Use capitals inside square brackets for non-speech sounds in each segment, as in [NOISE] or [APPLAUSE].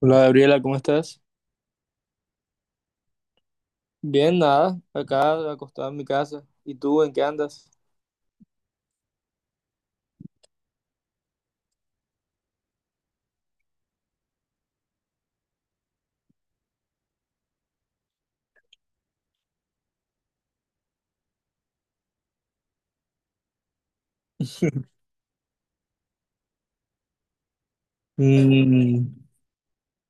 Hola Gabriela, ¿cómo estás? Bien, nada, acá acostado en mi casa. ¿Y tú en qué andas? Mm,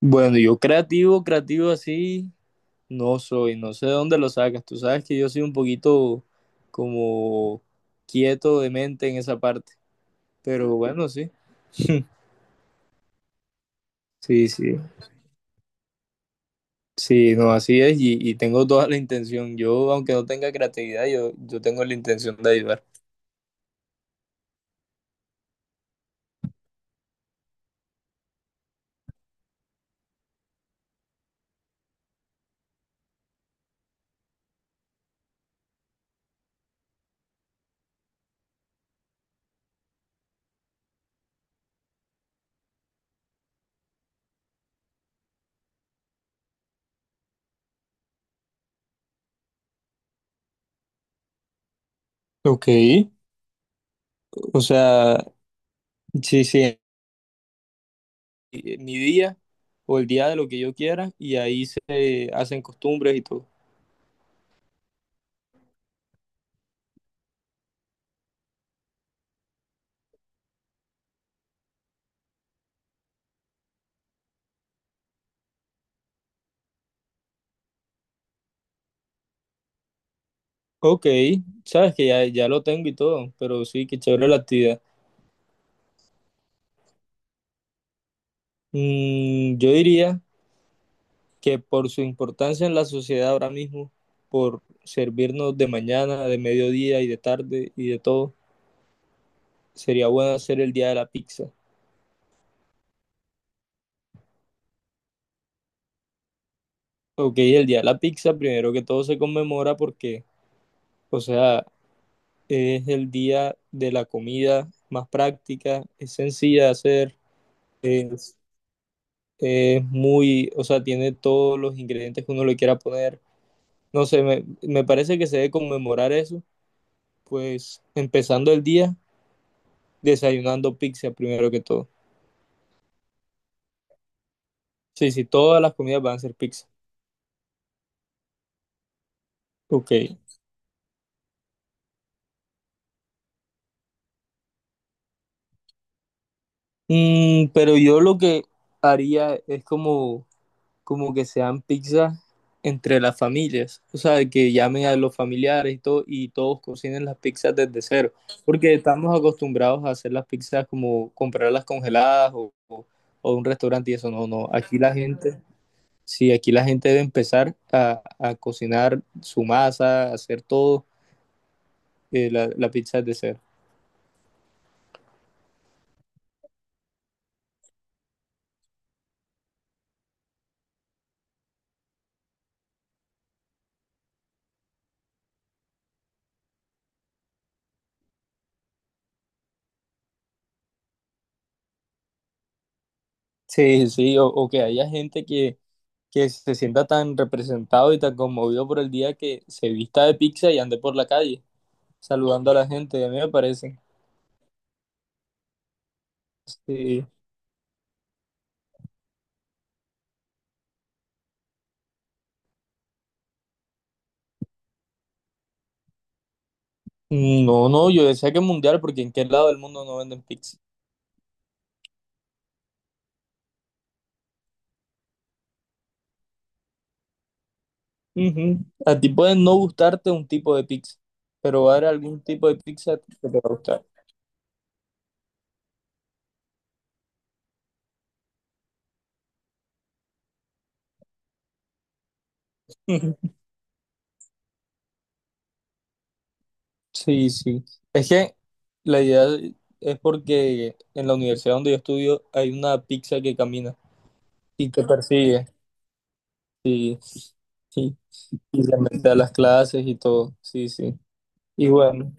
bueno, yo creativo, creativo así, no soy, no sé de dónde lo sacas. Tú sabes que yo soy un poquito como quieto de mente en esa parte, pero bueno, sí. [LAUGHS] Sí, sí, sí, no, así es y tengo toda la intención. Yo, aunque no tenga creatividad, yo tengo la intención de ayudar. Ok, o sea, sí, sí, mi día o el día de lo que yo quiera, y ahí se hacen costumbres y todo. Ok, sabes que ya lo tengo y todo, pero sí, qué chévere la actividad. Yo diría que por su importancia en la sociedad ahora mismo, por servirnos de mañana, de mediodía y de tarde y de todo, sería bueno hacer el día de la pizza. Ok, el día de la pizza primero que todo se conmemora porque, o sea, es el día de la comida más práctica, es sencilla de hacer, es muy, o sea, tiene todos los ingredientes que uno le quiera poner. No sé, me parece que se debe conmemorar eso, pues empezando el día desayunando pizza primero que todo. Sí, sí, todas las comidas van a ser pizza. Ok. Mm, pero yo lo que haría es como que sean pizzas entre las familias, o sea, que llamen a los familiares y todo, y todos cocinen las pizzas desde cero, porque estamos acostumbrados a hacer las pizzas como comprarlas congeladas o de un restaurante y eso, no, no, aquí la gente, sí, aquí la gente debe empezar a cocinar su masa, hacer todo, la pizza desde cero. Sí, sí, o que haya gente que se sienta tan representado y tan conmovido por el día que se vista de pizza y ande por la calle, saludando a la gente, a mí me parece. Sí. No, no, yo decía que mundial porque en qué lado del mundo no venden pizza. Ujú. A ti puede no gustarte un tipo de pizza, pero va a haber algún tipo de pizza que te va a gustar. Ujú. Sí, sí. Es que la idea es porque en la universidad donde yo estudio hay una pizza que camina y te persigue. Sí, sí. Y se mete a las clases y todo. Sí, sí. Y bueno.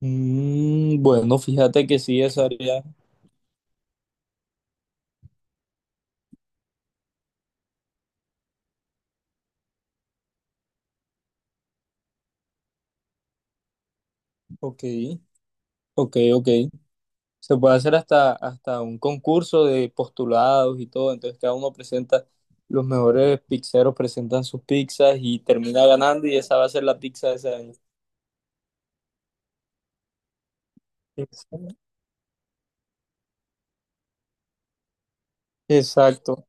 Mm, bueno, fíjate que sí, esa área. Ok, ok, ok. Se puede hacer hasta, hasta un concurso de postulados y todo. Entonces cada uno presenta, los mejores pizzeros presentan sus pizzas y termina ganando y esa va a ser la pizza de ese año. Exacto, exacto,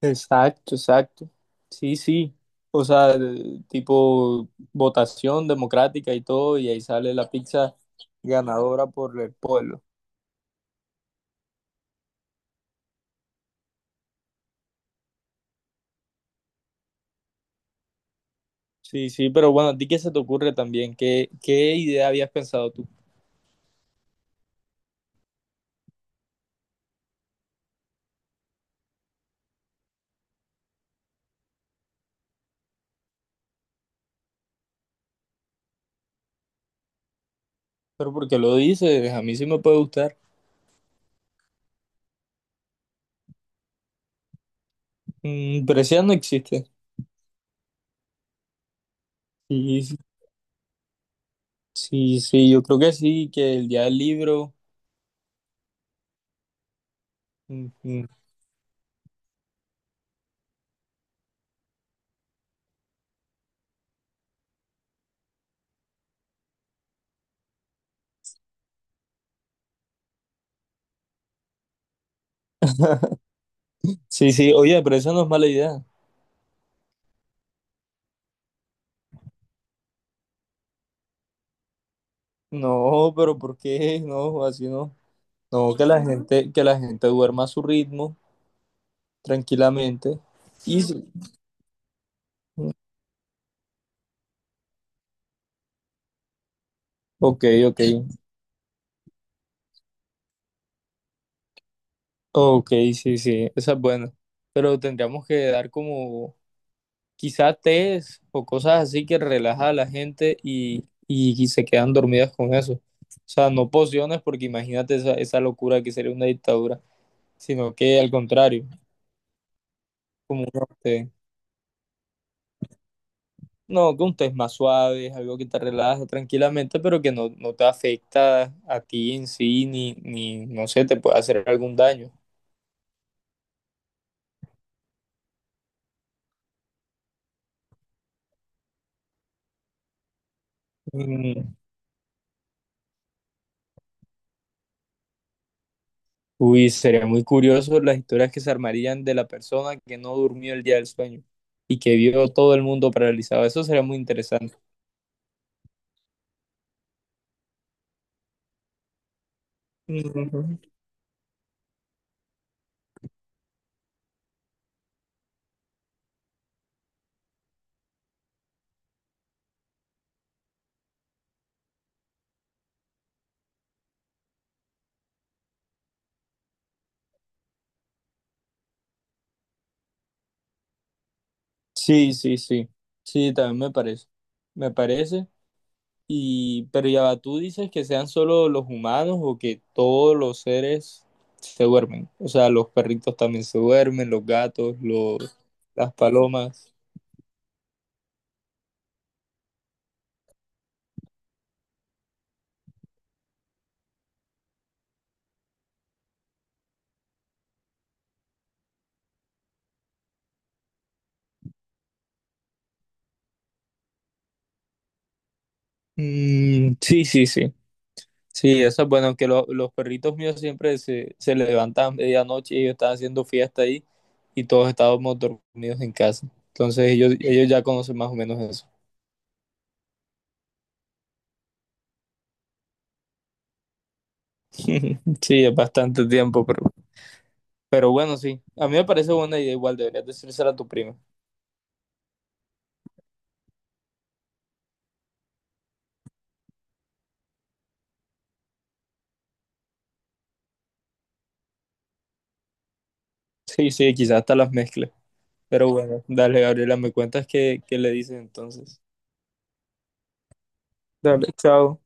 exacto, exacto. Sí, sí. O sea, el tipo votación democrática y todo, y ahí sale la pizza ganadora por el pueblo. Sí, sí, pero bueno, ¿a ti qué se te ocurre también? ¿Qué, qué idea habías pensado tú? Pero porque lo dices, a mí sí me puede gustar. Mm, pero ese ya no existe. Sí, sí, sí, sí, yo creo que sí, que el día del libro. Mm, mm. Sí, sí, oye, pero esa no es mala idea. No, pero ¿por qué? No, así no. No, que la gente duerma a su ritmo, tranquilamente. Y sí. Ok, ok. Ok, sí, sí, esa es buena. Pero tendríamos que dar como quizás tés o cosas así que relaja a la gente y se quedan dormidas con eso. O sea, no pociones porque imagínate esa, esa locura que sería una dictadura, sino que al contrario, como un té. No, que un té más suave, es algo que te relaja tranquilamente, pero que no, no te afecta a ti en sí, ni no sé, te puede hacer algún daño. Mm, uy, sería muy curioso las historias que se armarían de la persona que no durmió el día del sueño y que vio todo el mundo paralizado. Eso sería muy interesante. Ujú. Sí, sí, sí. Sí, también me parece. Me parece. Y, pero ya va, tú dices que sean solo los humanos o que todos los seres se duermen. O sea, los perritos también se duermen, los gatos, los, las palomas. Mm, sí, sí, sí. Sí, eso es bueno, aunque lo- los perritos míos siempre se levantan a medianoche y ellos estaban haciendo fiesta ahí y todos estábamos dormidos en casa. Entonces ellos ya conocen más o menos eso. [LAUGHS] Sí, es bastante tiempo, pero bueno, sí. A mí me parece buena idea igual, deberías decírsela a tu prima. Sí, sí, quizás hasta las mezclas. Pero bueno, dale, Gabriela, me cuentas qué le dices entonces. Dale, chao.